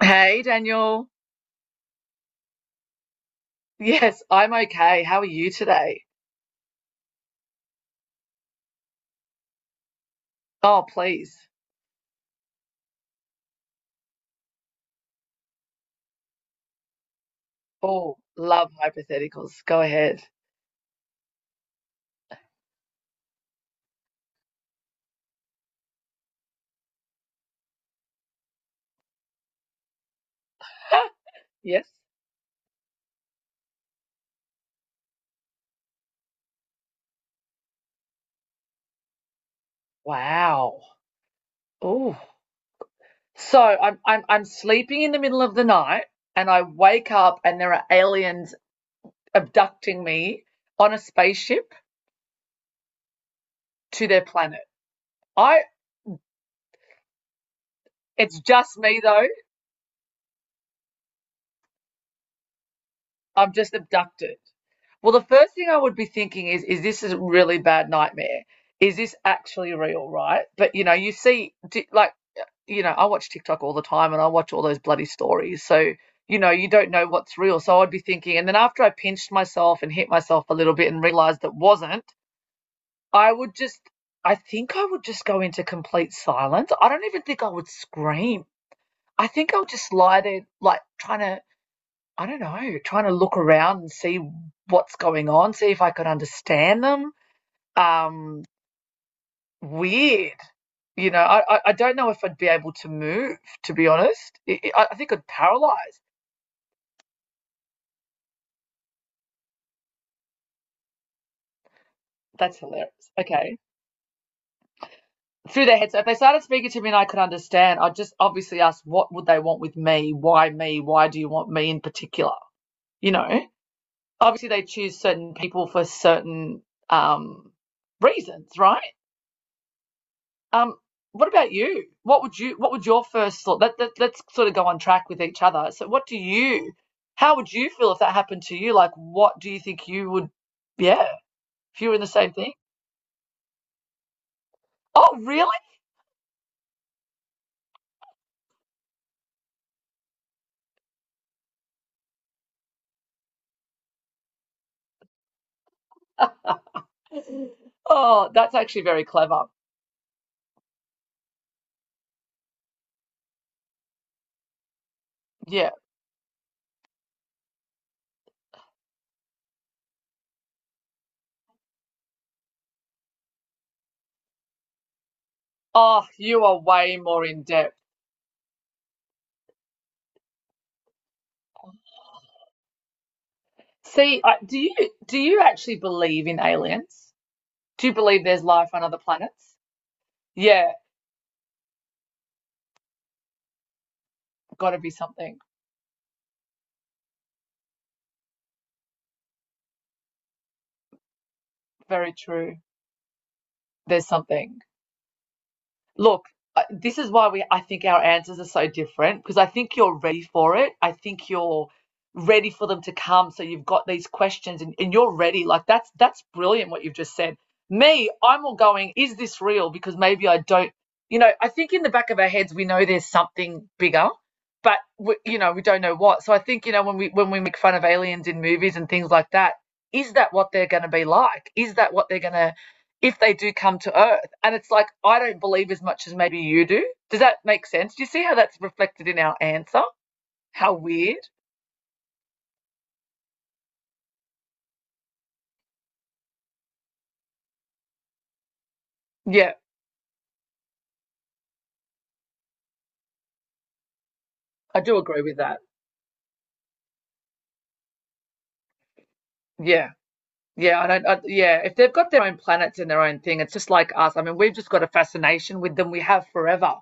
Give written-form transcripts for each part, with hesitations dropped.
Hey, Daniel. Yes, I'm okay. How are you today? Oh, please. Oh, love hypotheticals. Go ahead. Yes. Wow. Oh. So I'm sleeping in the middle of the night and I wake up and there are aliens abducting me on a spaceship to their planet. I It's just me though. I'm just abducted. Well, the first thing I would be thinking is this a really bad nightmare? Is this actually real, right? But you know, you see, like, I watch TikTok all the time and I watch all those bloody stories. So, you don't know what's real. So I'd be thinking, and then after I pinched myself and hit myself a little bit and realized that wasn't, I would just, I think I would just go into complete silence. I don't even think I would scream. I think I would just lie there, like, trying to I don't know, trying to look around and see what's going on, see if I could understand them. Um, Weird. You know, I don't know if I'd be able to move, to be honest. I think I'd paralyze. That's hilarious. Okay. Through their heads. So if they started speaking to me and I could understand, I'd just obviously ask, what would they want with me? Why me? Why do you want me in particular? You know, obviously they choose certain people for certain um, reasons, right? Um, what about you? What would you? What would your first thought? Let's sort of go on track with each other. So, what do you? How would you feel if that happened to you? Like, what do you think you would? Yeah, if you were in the same thing. Oh, really? Oh, that's actually very clever. Yeah. Oh, you are way more in depth. See, do you actually believe in aliens? Do you believe there's life on other planets? Yeah, got to be something. Very true. There's something. Look, this is why we I think our answers are so different because I think you're ready for it. I think you're ready for them to come. So you've got these questions and you're ready. Like that's brilliant what you've just said. Me, I'm all going, is this real? Because maybe I don't you know, I think in the back of our heads we know there's something bigger, but we, you know, we don't know what. So I think, you know, when we make fun of aliens in movies and things like that, is that what they're going to be like? Is that what they're going to if they do come to Earth? And it's like, I don't believe as much as maybe you do. Does that make sense? Do you see how that's reflected in our answer? How weird. Yeah, I do agree with that. Yeah. Yeah, I don't, I, yeah, if they've got their own planets and their own thing, it's just like us. I mean, we've just got a fascination with them. We have forever.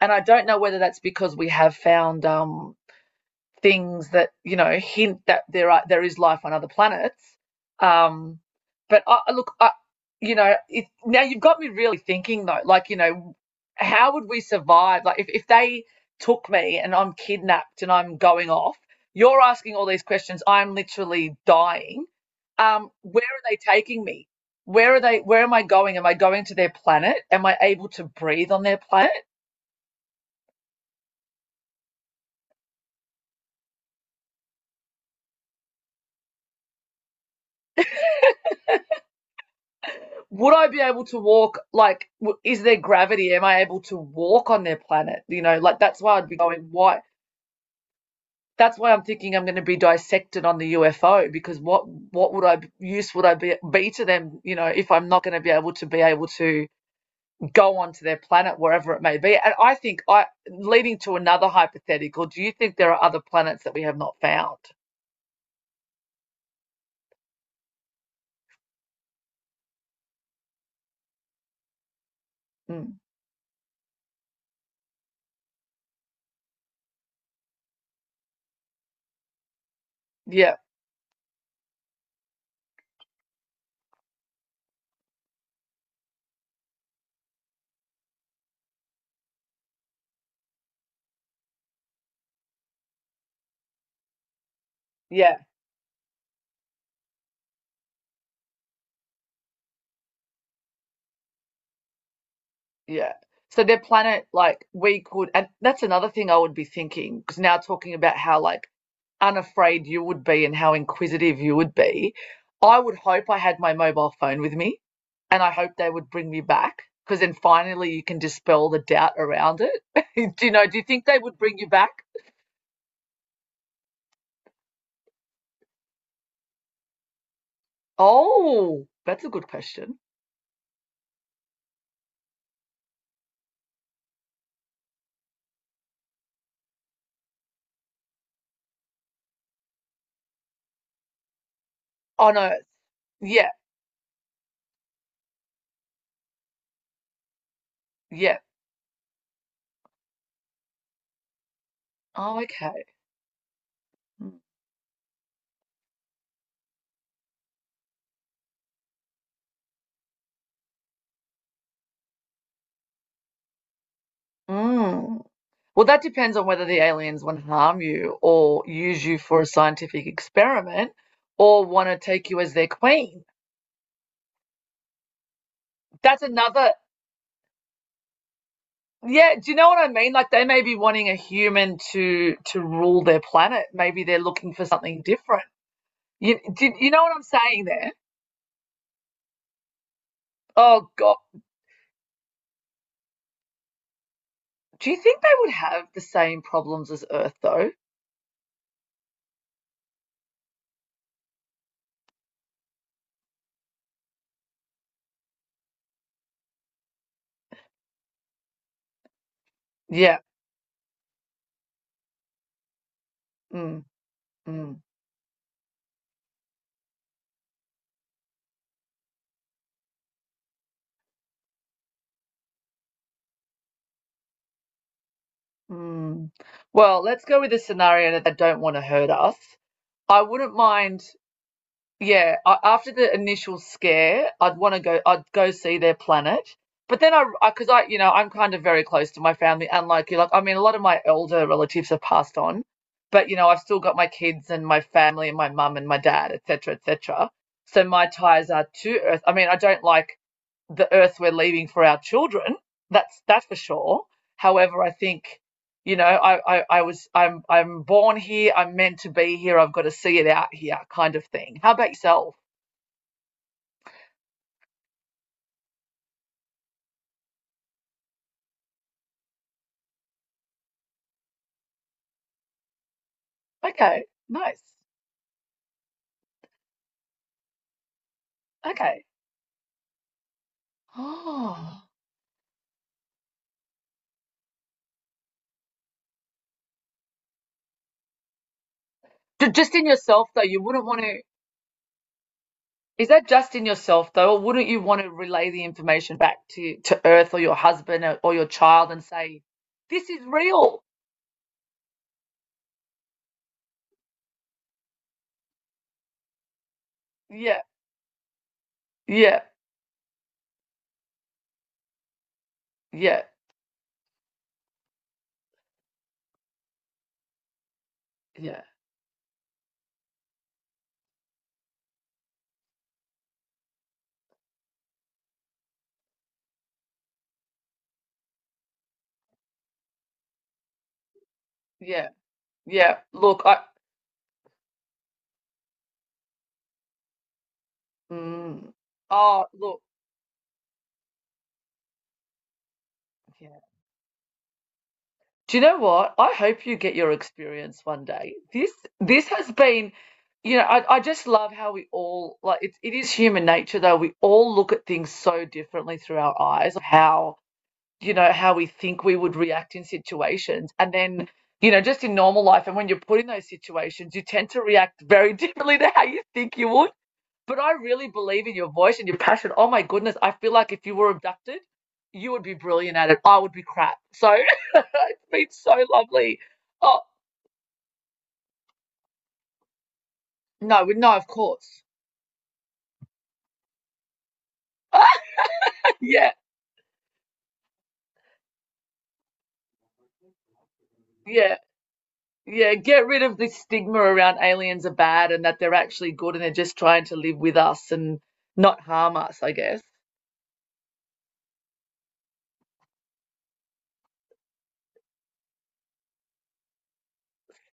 And I don't know whether that's because we have found things that you know hint that there is life on other planets. Um, but I, look, I, you know, it, now you've got me really thinking though. Like, you know, how would we survive? Like, if they took me and I'm kidnapped and I'm going off, you're asking all these questions. I'm literally dying. Where are they taking me? Where are they? Where am I going? Am I going to their planet? Am I able to breathe on their planet? Would I be able to walk? Like, is there gravity? Am I able to walk on their planet? You know, like that's why I'd be going. Why? That's why I'm thinking I'm going to be dissected on the UFO because what would I use would I be to them? You know, if I'm not going to be able to be able to go onto their planet wherever it may be. And I think I leading to another hypothetical. Do you think there are other planets that we have not found? Mm. Yeah, yeah. Yeah. So their planet, like we could, and that's another thing I would be thinking, because now talking about how like unafraid you would be and how inquisitive you would be, I would hope I had my mobile phone with me, and I hope they would bring me back, because then finally you can dispel the doubt around it. Do you know? Do you think they would bring you back? Oh, that's a good question. Oh no, yeah, yeah. Oh, okay. Mm. Mm. Well, that depends on whether the aliens want to harm you or use you for a scientific experiment or want to take you as their queen. That's another. Yeah, do you know what I mean? Like they may be wanting a human to rule their planet. Maybe they're looking for something different. You do, you know what I'm saying there? Oh God, do you think they would have the same problems as Earth though? Yeah. Mm, mm, mm. Well, let's go with the scenario that they don't want to hurt us. I wouldn't mind yeah, after the initial scare, I'd want to go. I'd go see their planet, but then I, because I, 'cause I, you know, I'm kind of very close to my family, and like you, like I mean, a lot of my elder relatives have passed on, but you know, I've still got my kids and my family and my mum and my dad, etc., etc. So my ties are to Earth. I mean, I don't like the Earth we're leaving for our children. That's for sure. However, I think you know I was, I'm born here, I'm meant to be here, I've got to see it out here kind of thing. How about yourself? Okay, nice. Okay. Oh, just in yourself though you wouldn't want to is that just in yourself though or wouldn't you want to relay the information back to Earth or your husband or your child and say this is real? Yeah, yeah, yeah, yeah, yeah, yeah, look I. mm, oh look. Yeah. Do you know what? I hope you get your experience one day. This has been, you know, I just love how we all like it is human nature though. We all look at things so differently through our eyes, how you know, how we think we would react in situations. And then, you know, just in normal life and when you're put in those situations, you tend to react very differently to how you think you would. But I really believe in your voice and your passion. Oh my goodness, I feel like if you were abducted, you would be brilliant at it. I would be crap. So it's been so lovely. Oh, no, no, of course. Yeah, yeah, yeah. Get rid of this stigma around aliens are bad and that they're actually good and they're just trying to live with us and not harm us, I guess.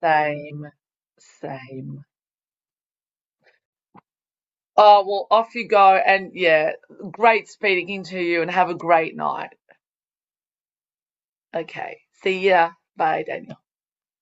Same, same. Oh, well, off you go. And yeah, great speaking to you and have a great night. Okay. See ya. Bye, Daniel.